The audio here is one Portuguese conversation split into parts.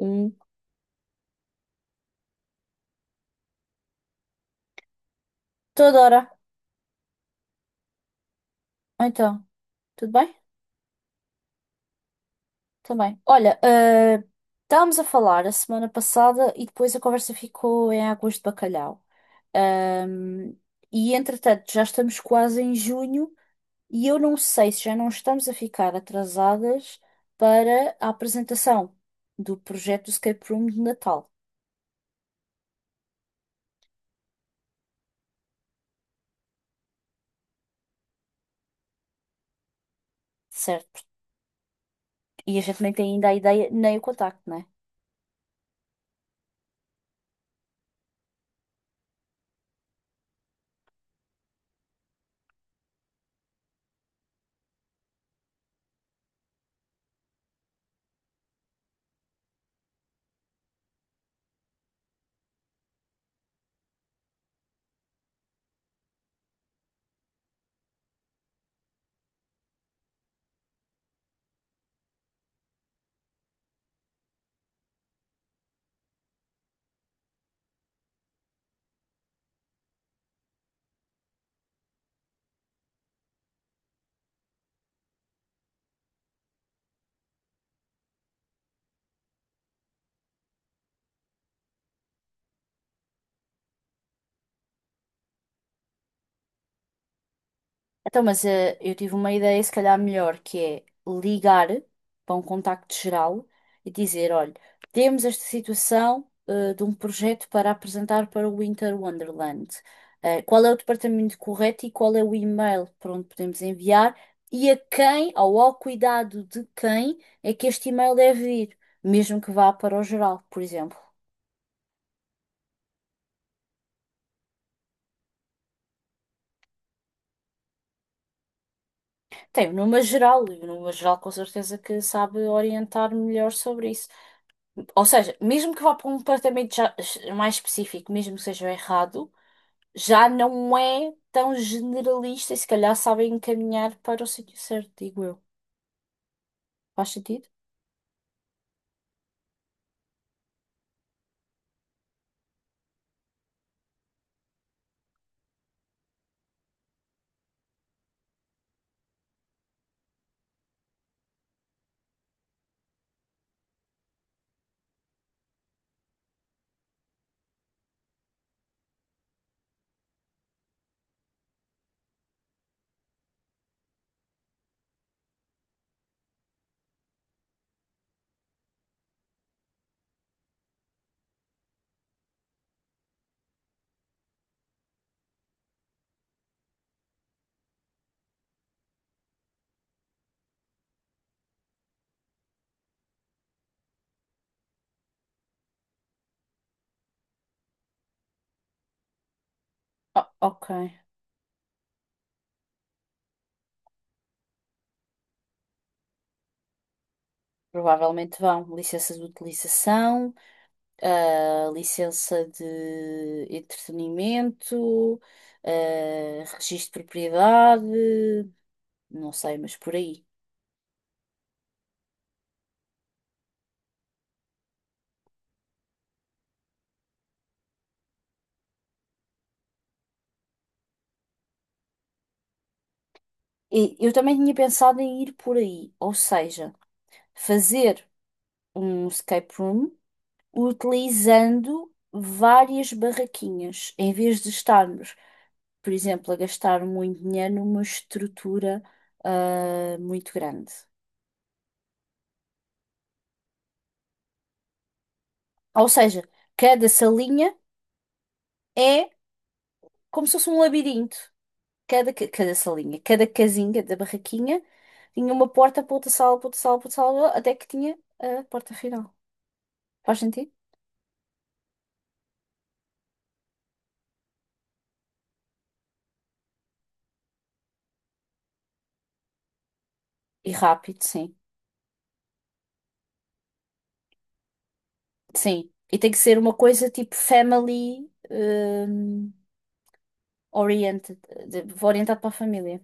Hum, toda hora. Então, tudo bem? Também. Olha, estávamos a falar a semana passada e depois a conversa ficou em águas de bacalhau. Ahm, e entretanto, já estamos quase em junho e eu não sei se já não estamos a ficar atrasadas para a apresentação do projeto do Escape Room de Natal, certo? E a gente nem tem ainda a ideia nem o contacto, né? Então, mas eu tive uma ideia, se calhar melhor, que é ligar para um contacto geral e dizer: olha, temos esta situação de um projeto para apresentar para o Winter Wonderland. Qual é o departamento correto e qual é o e-mail para onde podemos enviar e a quem, ou ao cuidado de quem, é que este e-mail deve ir, mesmo que vá para o geral, por exemplo. Tem o número geral, e o número geral com certeza que sabe orientar melhor sobre isso. Ou seja, mesmo que vá para um departamento mais específico, mesmo que seja errado, já não é tão generalista e se calhar sabem encaminhar para o sítio certo, digo eu. Faz sentido? Ah, ok. Provavelmente vão. Licença de utilização, licença de entretenimento, registro de propriedade, não sei, mas por aí. E eu também tinha pensado em ir por aí, ou seja, fazer um escape room utilizando várias barraquinhas, em vez de estarmos, por exemplo, a gastar muito dinheiro numa estrutura muito grande. Ou seja, cada salinha é como se fosse um labirinto. Cada salinha, cada casinha da barraquinha tinha uma porta para outra sala, para outra sala, para outra sala, até que tinha a porta final. Faz sentido? E rápido, sim. Sim. E tem que ser uma coisa tipo family oriented, orientado para a família.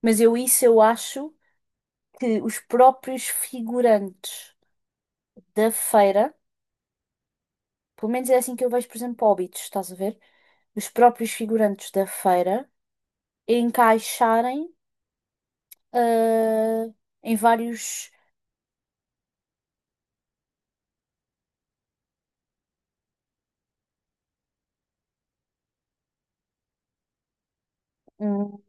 Mas eu isso eu acho que os próprios figurantes da feira, pelo menos é assim que eu vejo, por exemplo, Hobbits, estás a ver? Os próprios figurantes da feira encaixarem ah, em vários. Hum,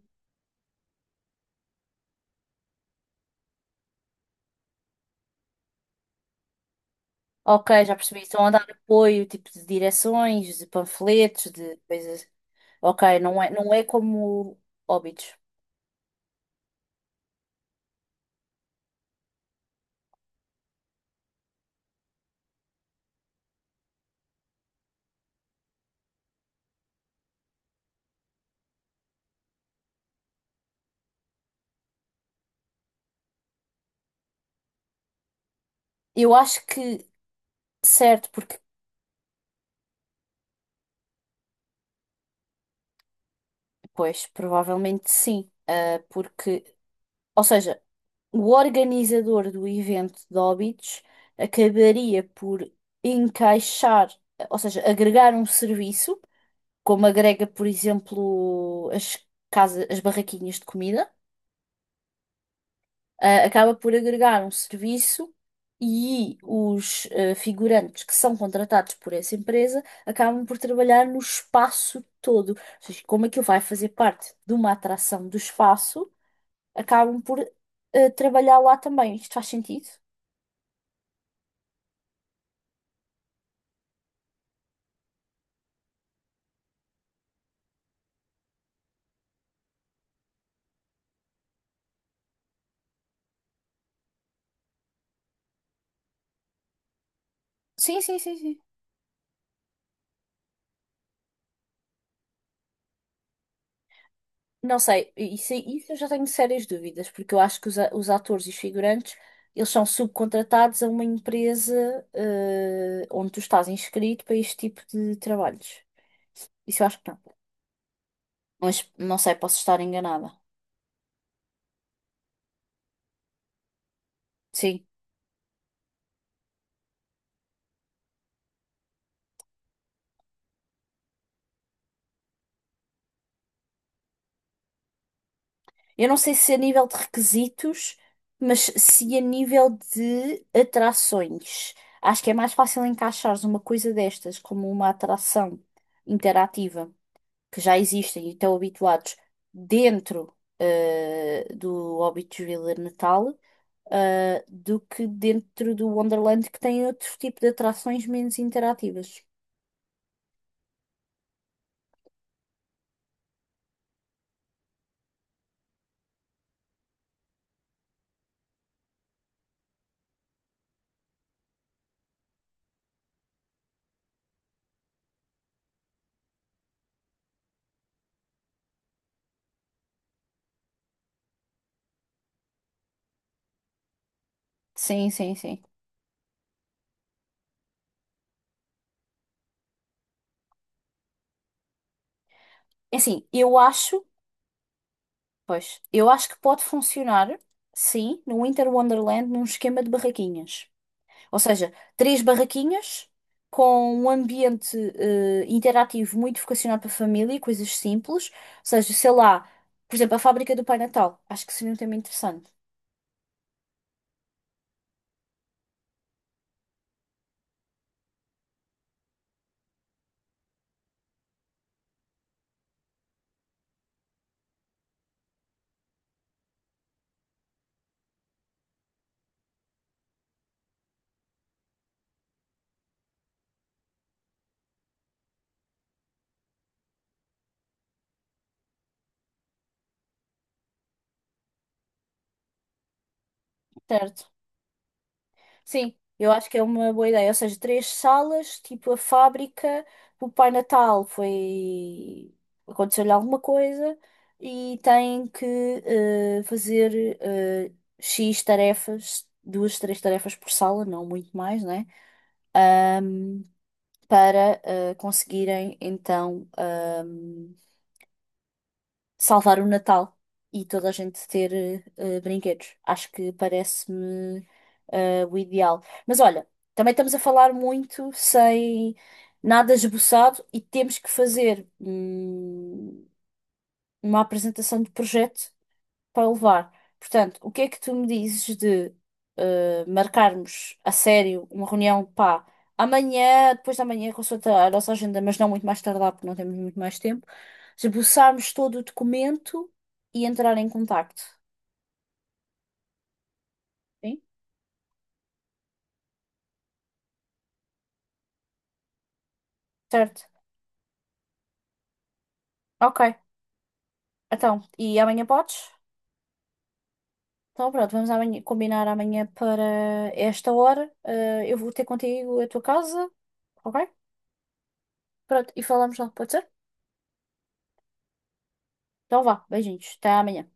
ok, já percebi, estão a dar apoio, tipo de direções, de panfletos, de coisas. Ok, não é, não é como Hobbits. Eu acho que, certo, porque pois, provavelmente sim, ah, porque, ou seja, o organizador do evento de óbitos acabaria por encaixar, ou seja, agregar um serviço, como agrega, por exemplo, as casas, as barraquinhas de comida, ah, acaba por agregar um serviço e os figurantes que são contratados por essa empresa acabam por trabalhar no espaço todo. Ou seja, como aquilo vai fazer parte de uma atração do espaço acabam por trabalhar lá também. Isto faz sentido? Sim, sim, sim, sim. Não sei, isso eu já tenho sérias dúvidas, porque eu acho que os atores e os figurantes, eles são subcontratados a uma empresa, onde tu estás inscrito para este tipo de trabalhos. Isso eu acho que não. Mas não sei, posso estar enganada. Sim. Eu não sei se a nível de requisitos, mas se a nível de atrações. Acho que é mais fácil encaixares uma coisa destas como uma atração interativa. Que já existem e estão habituados dentro do Hobbitsville de Natal, do que dentro do Wonderland que tem outro tipo de atrações menos interativas. Sim, sim, sim. É assim, eu acho, pois, eu acho que pode funcionar, sim, no Winter Wonderland num esquema de barraquinhas. Ou seja, três barraquinhas com um ambiente interativo muito vocacionado para a família, coisas simples. Ou seja, sei lá, por exemplo, a fábrica do Pai Natal. Acho que seria um tema interessante. Certo. Sim, eu acho que é uma boa ideia. Ou seja, três salas, tipo a fábrica, o Pai Natal foi. Aconteceu-lhe alguma coisa e tem que fazer X tarefas, duas, três tarefas por sala, não muito mais, né? Para conseguirem então salvar o Natal e toda a gente ter brinquedos. Acho que parece-me o ideal. Mas olha, também estamos a falar muito sem nada esboçado e temos que fazer uma apresentação de projeto para levar. Portanto, o que é que tu me dizes de marcarmos a sério uma reunião, pá, amanhã, depois da manhã, consulta a nossa agenda, mas não muito mais tardar, porque não temos muito mais tempo, esboçarmos todo o documento e entrar em contacto. Sim? Certo. Ok. Então, e amanhã podes? Então, pronto, vamos amanhã, combinar amanhã para esta hora. Eu vou ter contigo a tua casa, ok? Pronto, e falamos lá, pode ser? Então vá, beijinhos, até amanhã.